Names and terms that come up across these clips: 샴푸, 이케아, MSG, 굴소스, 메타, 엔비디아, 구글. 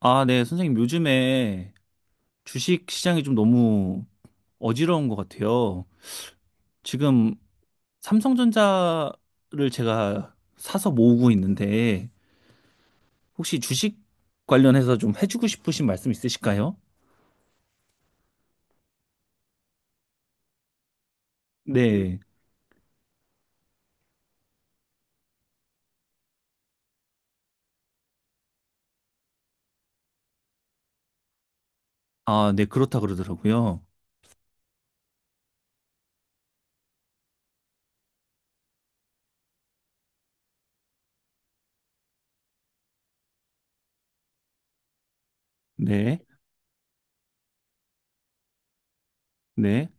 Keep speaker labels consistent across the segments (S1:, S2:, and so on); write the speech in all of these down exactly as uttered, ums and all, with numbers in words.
S1: 아, 네, 선생님, 요즘에 주식 시장이 좀 너무 어지러운 것 같아요. 지금 삼성전자를 제가 사서 모으고 있는데, 혹시 주식 관련해서 좀 해주고 싶으신 말씀 있으실까요? 네. 아, 네, 그렇다 그러더라고요. 네, 네,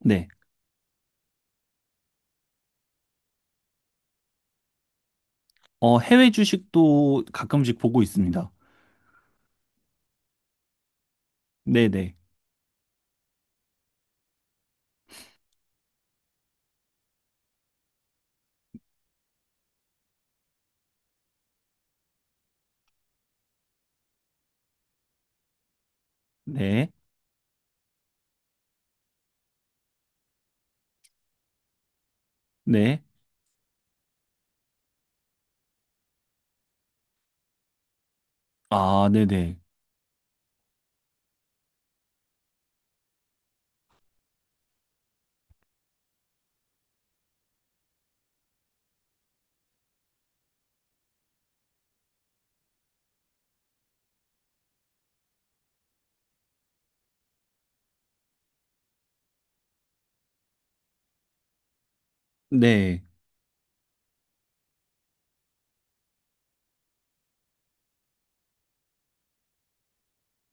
S1: 네. 어, 해외 주식도 가끔씩 보고 있습니다. 네네, 네, 네. 네. 아, 네네, 네,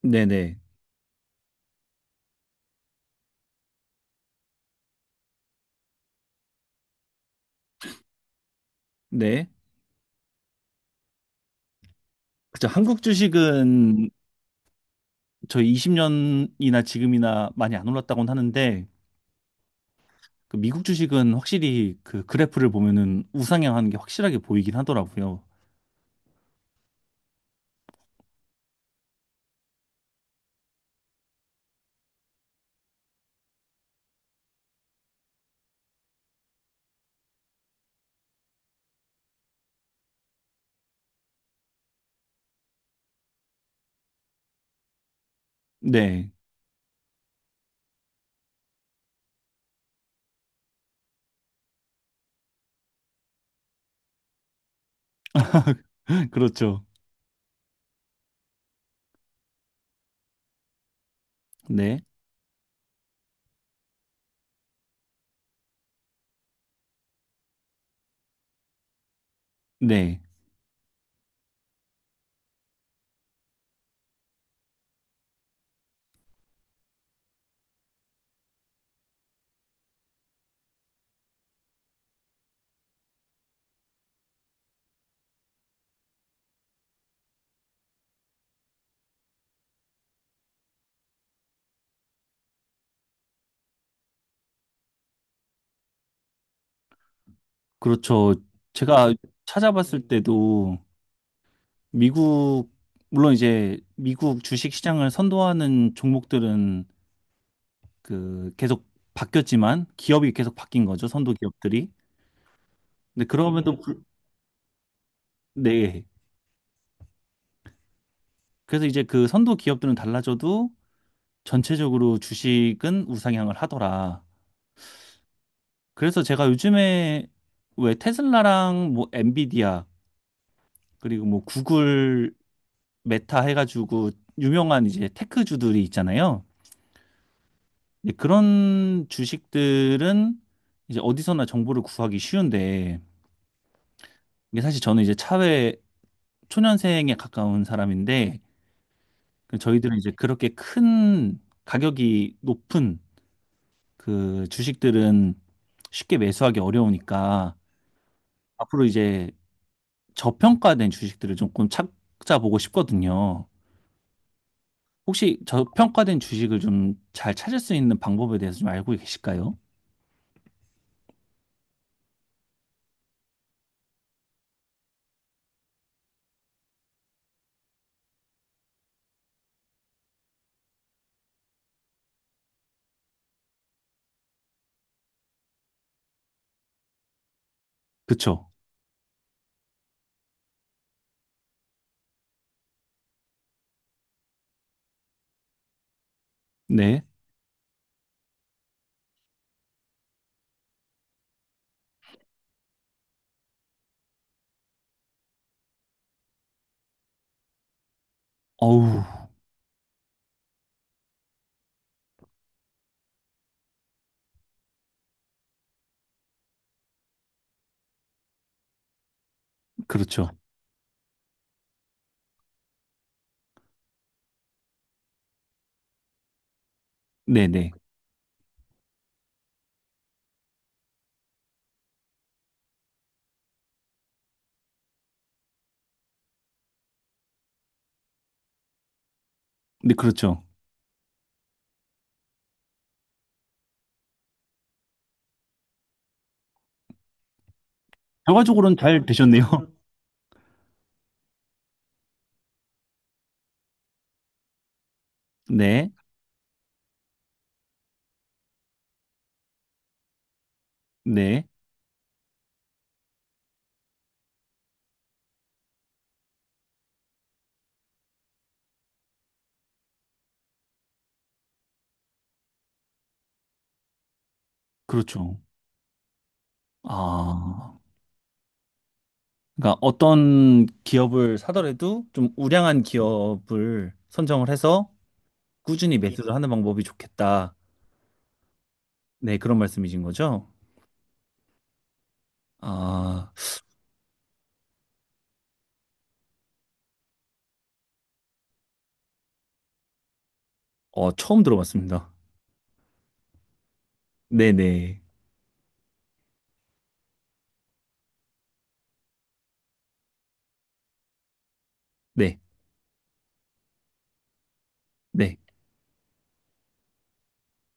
S1: 네 네, 네. 네, 네. 그죠. 한국 주식은 저희 이십 년이나 지금이나 많이 안 올랐다고는 하는데 그 미국 주식은 확실히 그 그래프를 보면은 우상향하는 게 확실하게 보이긴 하더라고요. 네, 그렇죠. 네, 네, 그렇죠. 제가 찾아봤을 때도 미국 물론 이제 미국 주식 시장을 선도하는 종목들은 그 계속 바뀌었지만 기업이 계속 바뀐 거죠. 선도 기업들이. 근데 그럼에도 불- 네. 그래서 이제 그 선도 기업들은 달라져도 전체적으로 주식은 우상향을 하더라. 그래서 제가 요즘에 왜 테슬라랑 뭐 엔비디아 그리고 뭐 구글 메타 해가지고 유명한 이제 테크주들이 있잖아요. 근데 그런 주식들은 이제 어디서나 정보를 구하기 쉬운데 이게 사실 저는 이제 차회 초년생에 가까운 사람인데 그 저희들은 이제 그렇게 큰 가격이 높은 그 주식들은 쉽게 매수하기 어려우니까 앞으로 이제 저평가된 주식들을 조금 찾아보고 싶거든요. 혹시 저평가된 주식을 좀 잘 찾을 수 있는 방법에 대해서 좀 알고 계실까요? 그쵸? 네. 어우, 그렇죠. 네네. 네, 그렇죠. 결과적으로는 잘 되셨네요. 네. 네. 그렇죠. 아. 그러니까 어떤 기업을 사더라도 좀 우량한 기업을 선정을 해서 꾸준히 매수를 하는 방법이 좋겠다. 네, 그런 말씀이신 거죠? 아. 어, 처음 들어봤습니다. 네네. 네. 네.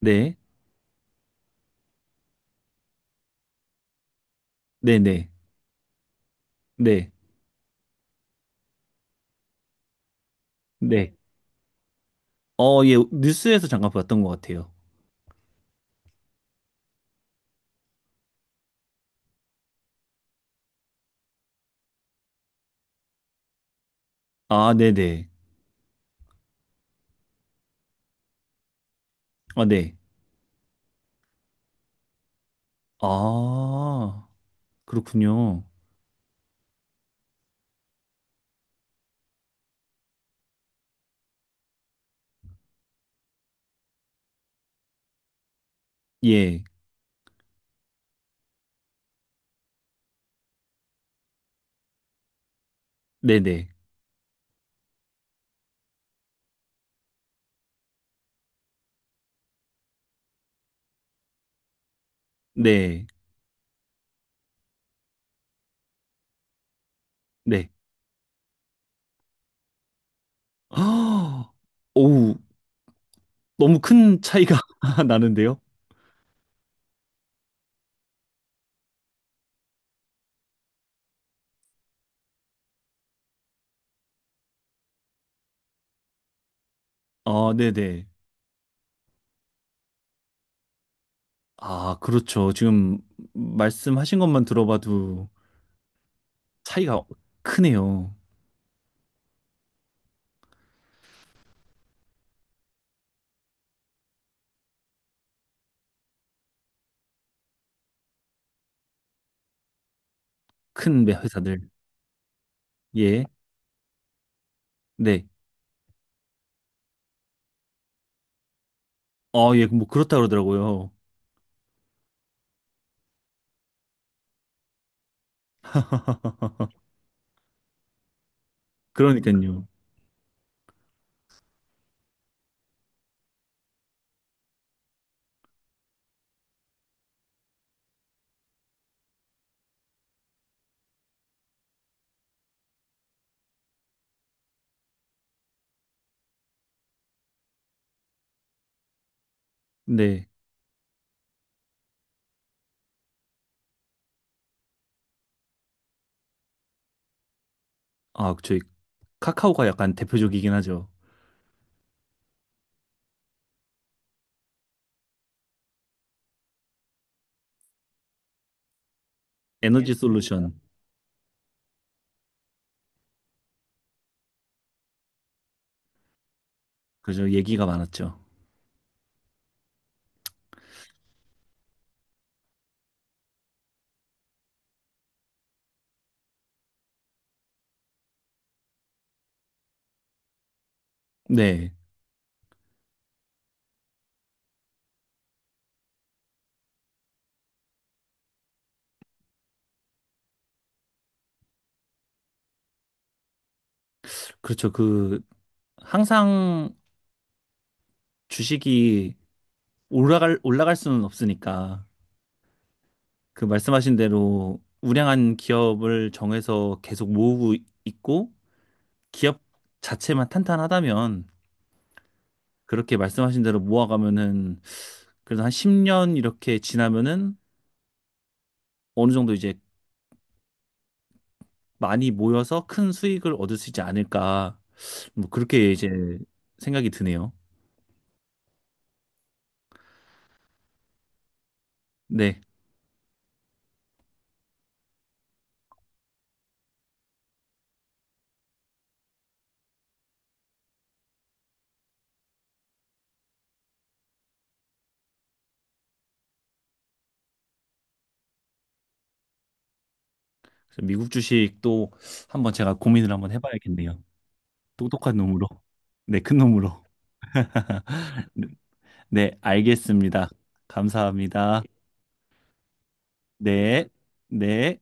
S1: 네. 네네. 네. 네. 어, 예, 뉴스에서 잠깐 봤던 것 같아요. 아, 네네. 아, 네. 아, 그렇군요. 예. 네네. 네. 네. 아, 오우, 너무 큰 차이가 나는데요? 아, 네네. 아, 그렇죠. 지금 말씀하신 것만 들어봐도 차이가 크네요. 큰 매- 회사들. 예. 네. 아, 예, 뭐 그렇다 그러더라고요. 그러니까요. 네. 아, 저희 카카오가 약간 대표적이긴 하죠. 에너지 솔루션. 그죠. 얘기가 많았죠. 네. 그렇죠. 그 항상 주식이 올라갈 올라갈 수는 없으니까 그 말씀하신 대로 우량한 기업을 정해서 계속 모으고 있고 기업 자체만 탄탄하다면 그렇게 말씀하신 대로 모아가면은 그래도 한 십 년 이렇게 지나면은 어느 정도 이제 많이 모여서 큰 수익을 얻을 수 있지 않을까. 뭐 그렇게 이제 생각이 드네요. 네. 그래서 미국 주식도 한번 제가 고민을 한번 해봐야겠네요. 똑똑한 놈으로. 네, 큰 놈으로. 네, 알겠습니다. 감사합니다. 네, 네.